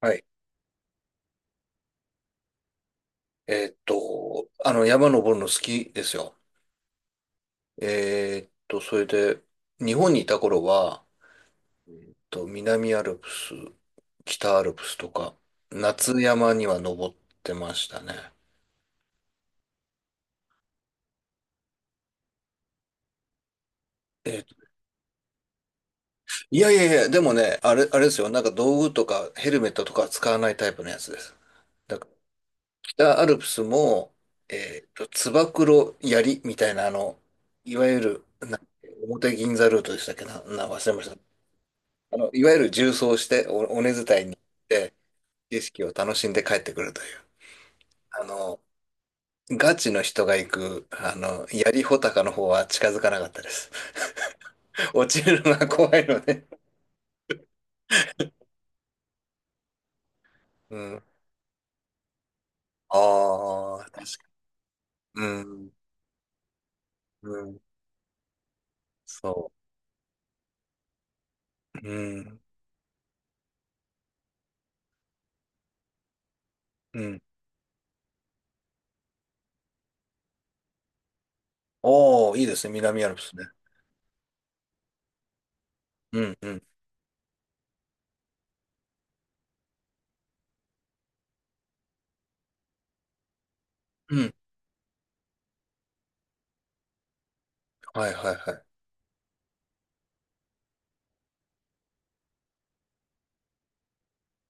はい。山登るの好きですよ。それで、日本にいた頃は、南アルプス、北アルプスとか、夏山には登ってましたね。えーっと、いやいやいや、でもね、あれですよ。なんか道具とかヘルメットとかは使わないタイプのやつです。だから、北アルプスも、つば九郎槍みたいな、いわゆる、表銀座ルートでしたっけな、忘れました。いわゆる縦走して、尾根伝いに行って、景色を楽しんで帰ってくるという。あの、ガチの人が行く、槍穂高の方は近づかなかったです。落ちるのが怖いので。うん。ああ、確かに。うん。うん。そう。うん。うん。おー、いいですね。南アルプスね。うん、うん。うん。はい、はい、はい。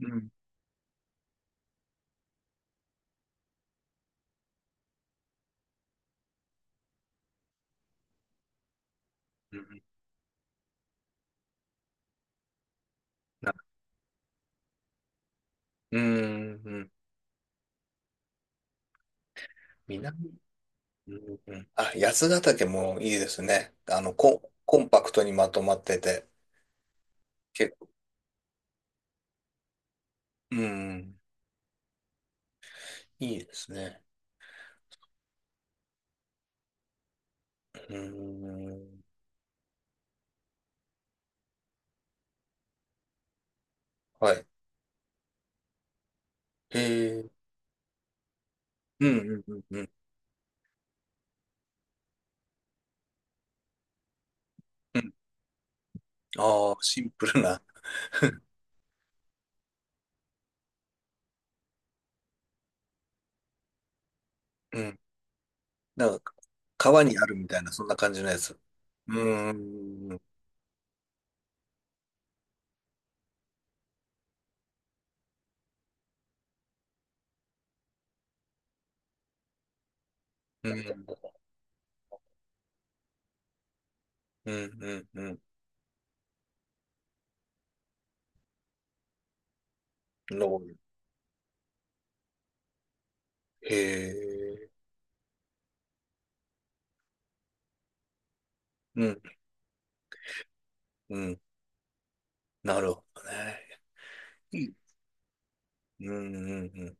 うん。うん。なうん。うん。南うんうん、あ、八ヶ岳もいいですね。コンパクトにまとまってて、結構、うん、いいですね。うん、はい。へえ、うん、うん、うん、うん。うん、ああ、シンプルな、うん。なんか、川にあるみたいな、そんな感じのやつ。うん、うん、うん、うん、うん、うん。へえ、うん、うん。なるほどね。うん、うん、うん。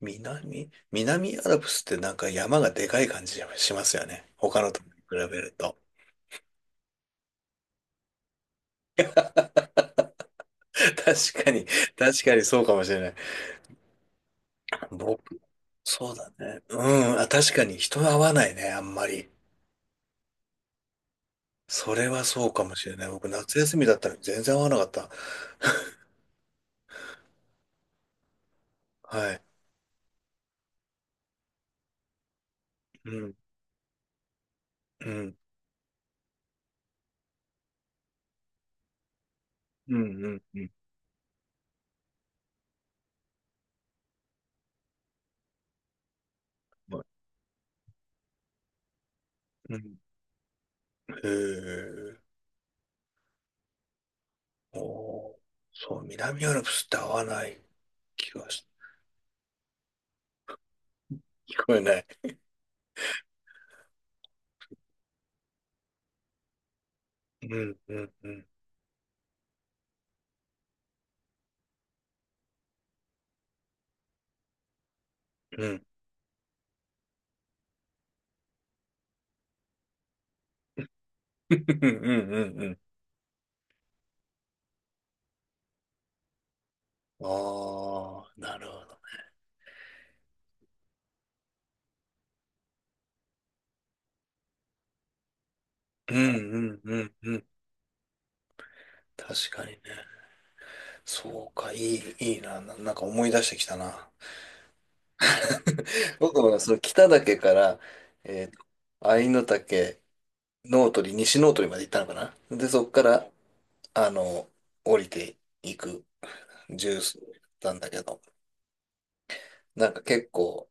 南アルプスってなんか山がでかい感じしますよね。他のとこに比べると。確かに、確かにそうかもしれない。僕、そうだね。うん、あ、確かに人は合わないね、あんまり。それはそうかもしれない。僕、夏休みだったのに全然合わなかった。はい。うん、うん、うん、うん、うん。はい、うん、へえ。おー、そう、南アルプスって合わない気がし、聞こえない。うん、うん、うん、うん、うん、うん、うん。うん、ああ、なるほど。うんうんうんうん。確かにね。そうか、いいな。なんか思い出してきたな。僕はその北岳から、えーと、愛の岳、ノートリ、西ノートリまで行ったのかな。で、そこから、あの、降りていくジュースだったんだけど、なんか結構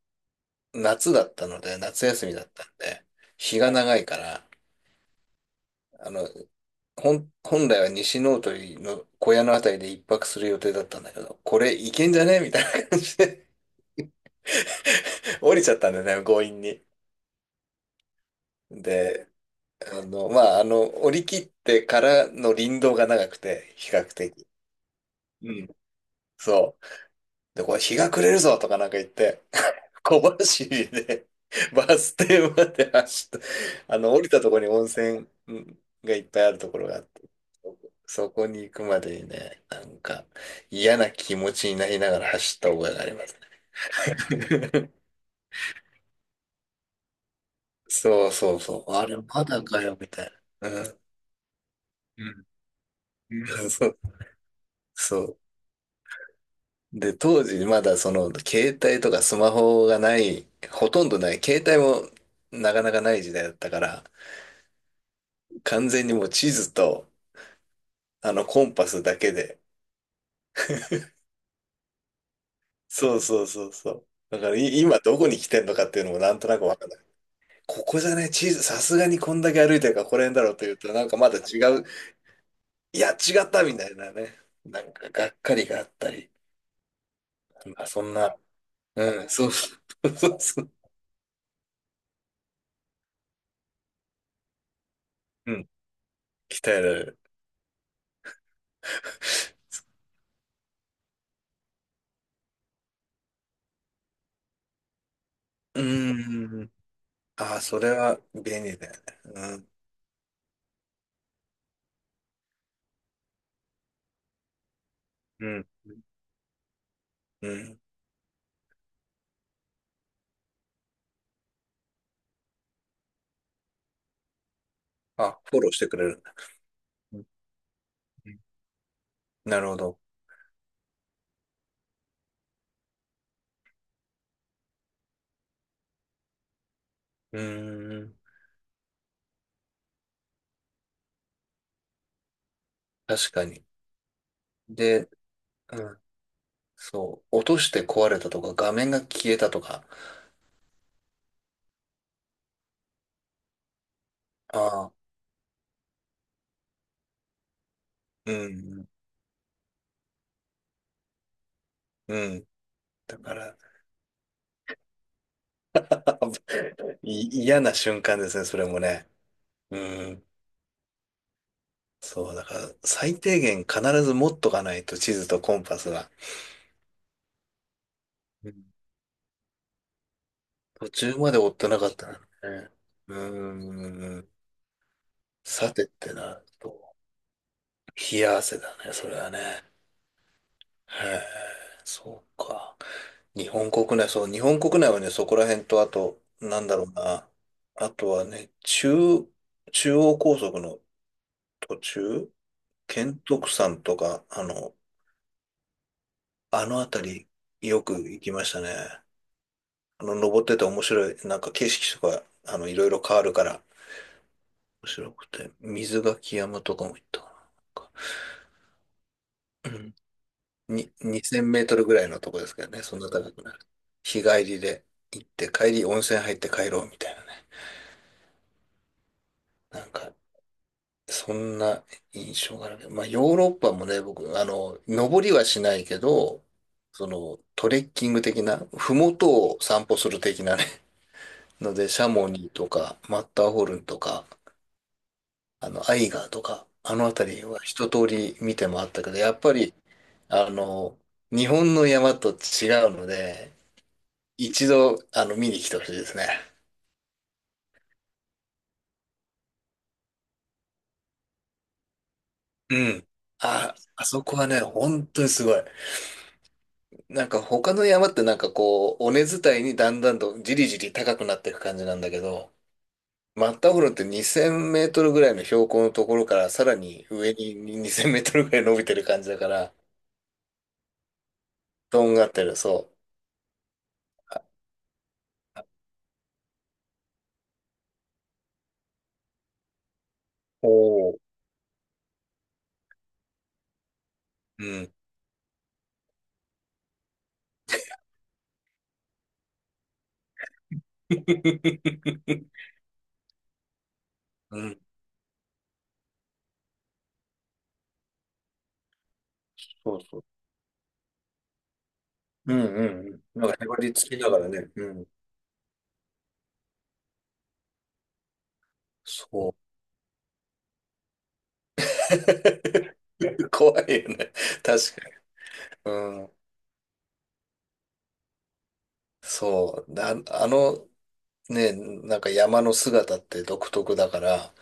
夏だったので、夏休みだったんで、日が長いから、あの、本来は西の鳥の小屋のあたりで一泊する予定だったんだけど、これいけんじゃねみたいな感じで 降りちゃったんだよね、強引に。で、まあ、降り切ってからの林道が長くて、比較的。うん。そう。で、これ日が暮れるぞとかなんか言って、小走りで バス停まで走った。降りたところに温泉がいっぱいあるところがあって、そこに行くまでにね、なんか嫌な気持ちになりながら走った覚えがあります。そうそうそう。あれ、まだかよ、みたいな。うん。うん、そう。そう。で、当時まだその携帯とかスマホがない、ほとんどない、携帯もなかなかない時代だったから、完全にもう地図とコンパスだけで。そうそうそうそう。だから、今どこに来てんのかっていうのもなんとなくわかんない。ここじゃね、地図、さすがにこんだけ歩いてるからこれだろうと言うと、なんかまだ違う、いや、違ったみたいなね。なんかがっかりがあったり。まあ、そんな、うん、そうそう、そうそう、うん、鍛えられる。うーん。ああ、それは便利だよね。うん、うん、うん。あ、フォローしてくれるんだ。うんうん、なるほど。うーん、確かに。で、うん、そう、落として壊れたとか、画面が消えたとか。ああ、うん、うん。だから、嫌な瞬間ですね、それもね。うん。そう、だから、最低限必ず持っとかないと、地図とコンパスがうん途中まで追ってなかったらね。うーん。さてってなると、冷や汗だね、それはね。へえ、そうか。日本国内、そう、日本国内はね、そこら辺と、あと、なんだろうな。あとはね、中央高速の途中、県徳山とか、あの辺り、よく行きましたね。登ってて面白い、なんか景色とか、いろいろ変わるから、面白くて、水垣山とかも行ったかな。なんかうんに、2000メートルぐらいのとこですけどね、そんな高くなる。日帰りで行って、帰り温泉入って帰ろうみたいなね。なんか、そんな印象があるけど、まあヨーロッパもね、僕、登りはしないけど、そのトレッキング的な、ふもとを散歩する的なね、ので、シャモニーとか、マッターホルンとか、アイガーとか、あのあたりは一通り見てもあったけど、やっぱり、あの、日本の山と違うので、一度、見に来てほしいですね。うん。あ、あそこはね、本当にすごい。なんか他の山ってなんかこう、尾根伝いにだんだんとじりじり高くなっていく感じなんだけど、マッターホルンって2000メートルぐらいの標高のところからさらに上に2000メートルぐらい伸びてる感じだから、とんがってる、そう。おお。うん。うん。そうそう。うんうんうん。なんかへばりつきながらね。うん。そう。怖いよね。確かに。うん。そう。だ、あの、ね、なんか山の姿って独特だから、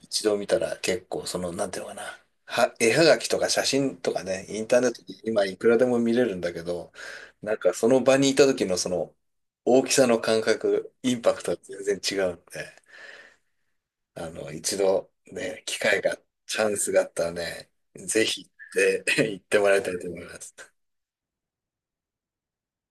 一度見たら結構その、なんていうのかな。絵はがきとか写真とかね、インターネットで今いくらでも見れるんだけど、なんかその場にいた時のその大きさの感覚、インパクトは全然違うんで、一度ね、機会が、チャンスがあったらね、ぜひ行って、行ってもらいたいと思います。